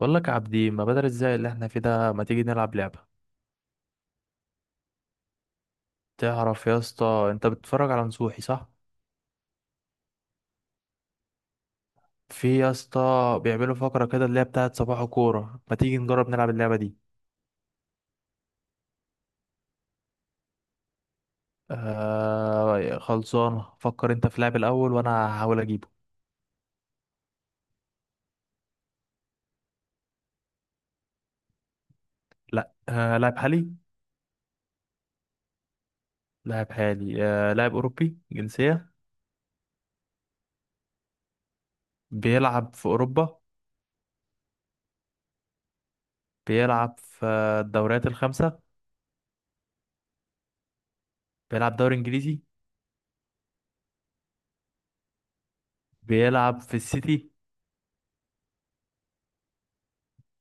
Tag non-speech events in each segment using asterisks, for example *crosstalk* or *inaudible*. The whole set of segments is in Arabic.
بقول لك يا عبدي ما بدل ازاي اللي احنا فيه ده، ما تيجي نلعب لعبة؟ تعرف يا اسطى انت بتتفرج على نصوحي صح؟ في يا اسطى بيعملوا فقرة كده اللي هي بتاعت صباح كورة، ما تيجي نجرب نلعب اللعبة دي؟ آه خلصانة. فكر انت في لاعب الاول وانا هحاول اجيبه. لا آه لاعب حالي. لاعب حالي. آه لاعب اوروبي جنسية. بيلعب في اوروبا. بيلعب في الدوريات الخمسة. بيلعب دوري انجليزي. بيلعب في السيتي.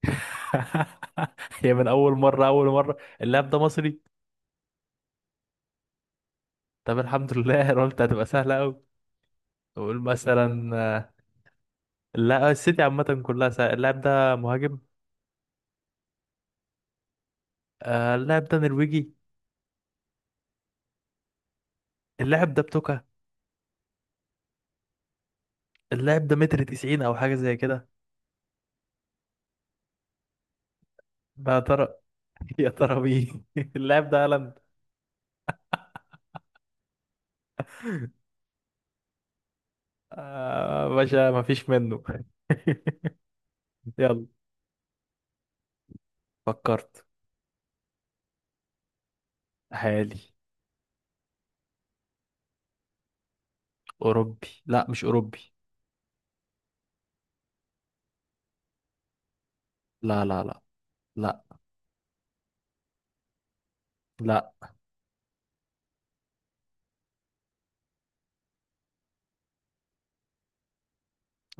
*laughs* هي من اول مره، اللاعب ده مصري؟ طب الحمد لله. *laughs* انا قلت هتبقى سهله قوي. نقول مثلا، آه، لا السيتي عامه كلها سهل. اللاعب ده مهاجم. اللاعب ده نرويجي. اللاعب ده بتوكا. اللاعب ده متر 90 او حاجه زي كده. يا ترى *laughs* يا ترى مين؟ *laughs* اللاعب ده هالاند. آه باشا ما فيش منه. *laughs* يلا. فكرت. حالي. اوروبي؟ لا مش اوروبي. لا. لا. لا.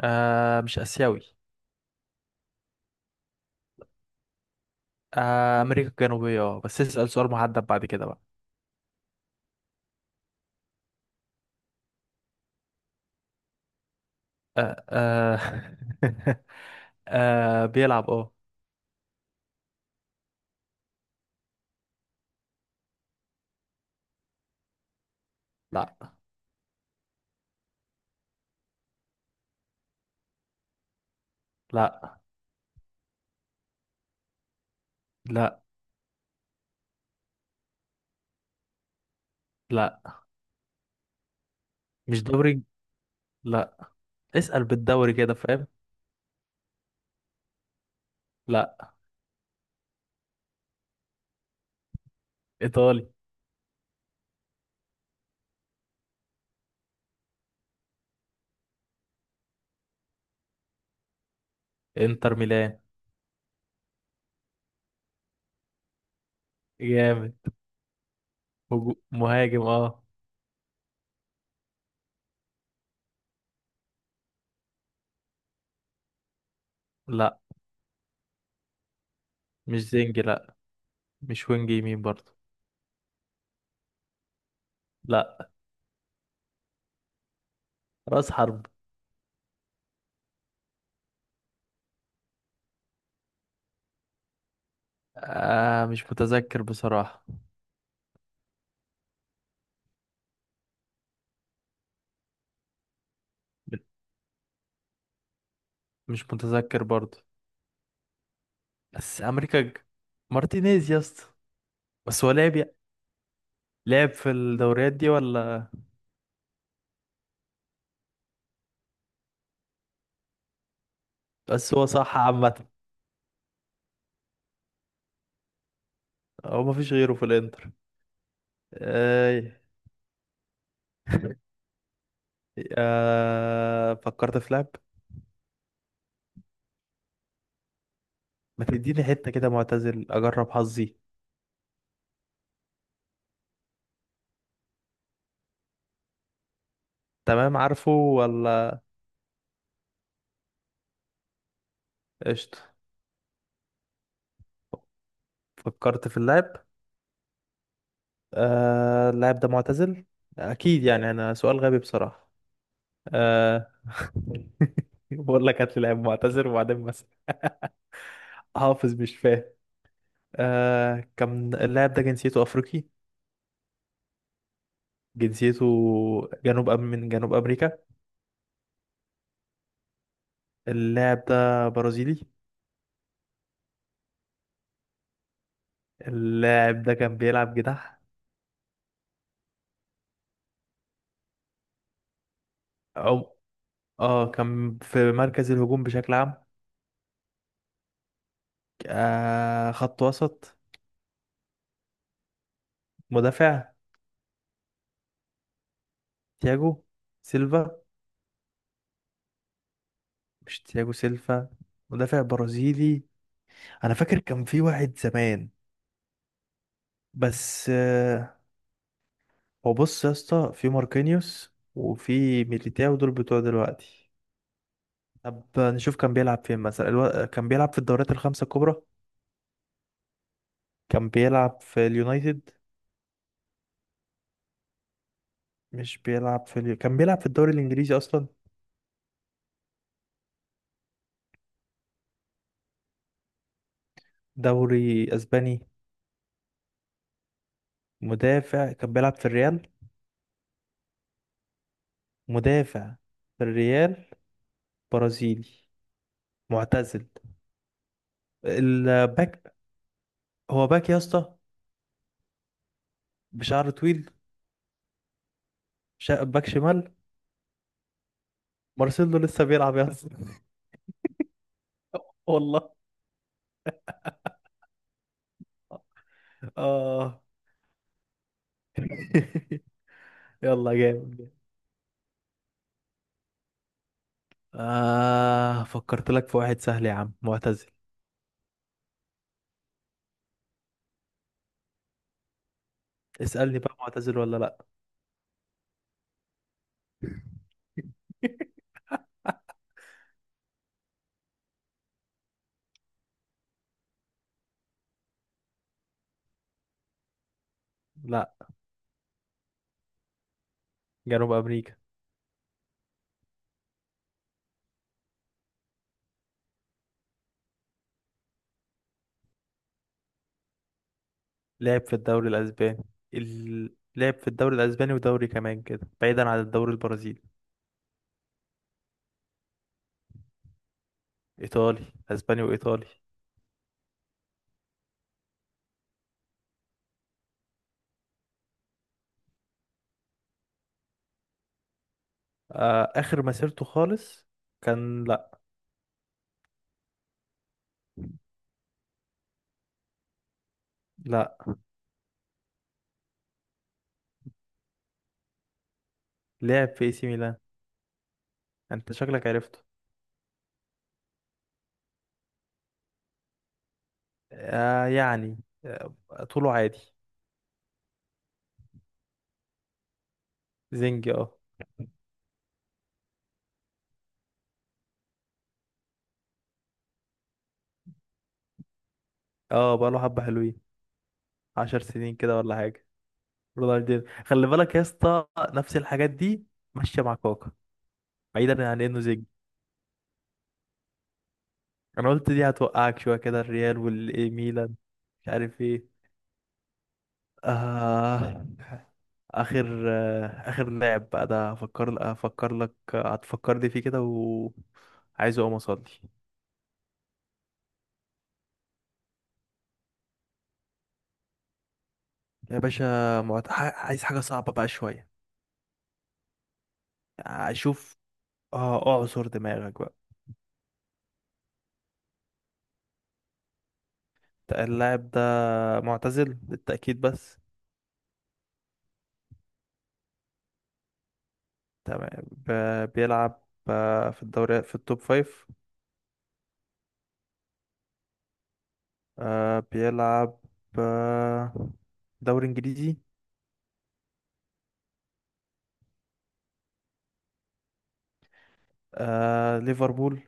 آه مش اسيوي. أمريكا الجنوبية اه، بس اسأل سؤال محدد بعد كده بقى. آه. *laughs* آه بيلعب اه. لا. لا. لا. لا مش دوري. لا. اسأل بالدوري كده فاهم. لا. إيطالي. إنتر ميلان جامد. مهاجم اه. لا مش زنجي، لا. مش وينج يمين برضه. لا. رأس حرب. آه مش متذكر بصراحة. مش متذكر برضه. بس أمريكا ج- مارتينيز يا اسطى. بس هو لعب، لعب في الدوريات دي ولا؟ بس هو صح عامة. هو مفيش غيره في الانتر. اي. فكرت في لعب. ما تديني حتة كده معتزل اجرب حظي. تمام عارفه ولا؟ قشطة. فكرت في اللعب. اللاعب ده معتزل اكيد يعني، انا سؤال غبي بصراحة. آه... *laughs* بقول لك هات لي لاعب معتزل وبعدين بس. *laughs* حافظ مش فاهم. كان اللاعب ده جنسيته افريقي؟ جنسيته، جنوب أم من جنوب أمريكا. اللاعب ده برازيلي. اللاعب ده كان بيلعب جناح؟ أو، اه كان في مركز الهجوم بشكل عام. آه خط وسط. مدافع. تياجو سيلفا. مش تياجو سيلفا. مدافع برازيلي. أنا فاكر كان في واحد زمان بس آه. هو بص يا اسطى في ماركينيوس وفي ميليتاو دول بتوع دلوقتي. طب نشوف كان بيلعب فين مثلا. كان بيلعب في الدوريات الخمسة الكبرى. كان بيلعب في اليونايتد. مش بيلعب في اليو... كان بيلعب في الدوري الانجليزي اصلا. دوري اسباني. مدافع كان بيلعب في الريال. مدافع في الريال. برازيلي. معتزل. الباك. هو باك يا اسطى. بشعر طويل. باك شمال. مارسيلو لسه بيلعب يا اسطى. *laughs* والله. اه. *laughs* يلا جامد جامد. آه فكرت لك في واحد سهل يا عم معتزل. اسألني بقى معتزل ولا لا؟ *laughs* لا. جنوب امريكا. لعب في الدوري الأسباني. لعب في الدوري الأسباني ودوري كمان كده بعيدا عن الدوري البرازيلي. إيطالي. أسباني وإيطالي. آه آخر مسيرته خالص كان، لأ. لأ. لعب في اي سي ميلان. أنت شكلك عرفته. آه يعني، آه طوله عادي. زنجي اه. اه بقاله حبة حلوين. عشر سنين كده ولا حاجة. رونالدينho. خلي بالك يا اسطى نفس الحاجات دي ماشية مع كوكا بعيدا عن انه زنجي. انا قلت دي هتوقعك شوية كده الريال والاي ميلان. مش عارف ايه. آه. آخر لاعب بقى ده، أفكر لك هتفكرني فيه كده وعايز أقوم أصلي. يا باشا، عايز حاجة صعبة بقى شوية. أشوف. آه أعصر دماغك بقى. اللاعب ده معتزل للتأكيد بس. تمام. بيلعب آه، في الدوري في التوب فايف. آه بيلعب. آه دوري إنجليزي. آه ليفربول.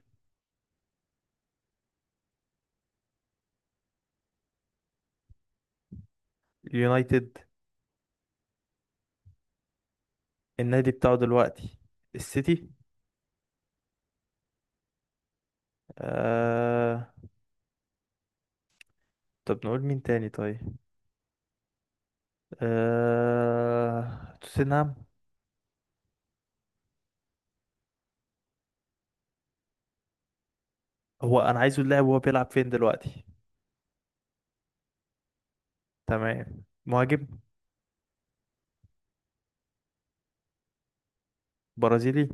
يونايتد. النادي بتاعه دلوقتي السيتي. آه... طب نقول مين تاني؟ طيب. آه... توتنهام. هو انا عايزه اللاعب وهو بيلعب فين دلوقتي. تمام مهاجم. برازيلي.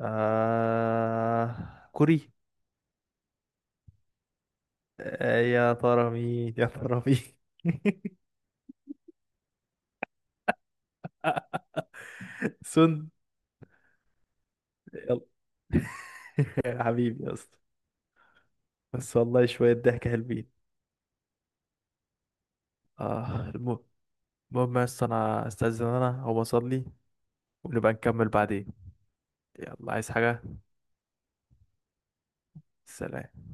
آه... كوري. آه يا ترى مين، يا ترى مين. *laughs* سون. يلا. يا حبيبي يا اسطى. بس والله شوية ضحك حلوين. اه الم- المهم يا اسطى انا استاذن، انا هو اصلي ونبقى نكمل بعدين. يلا عايز حاجة. سلام.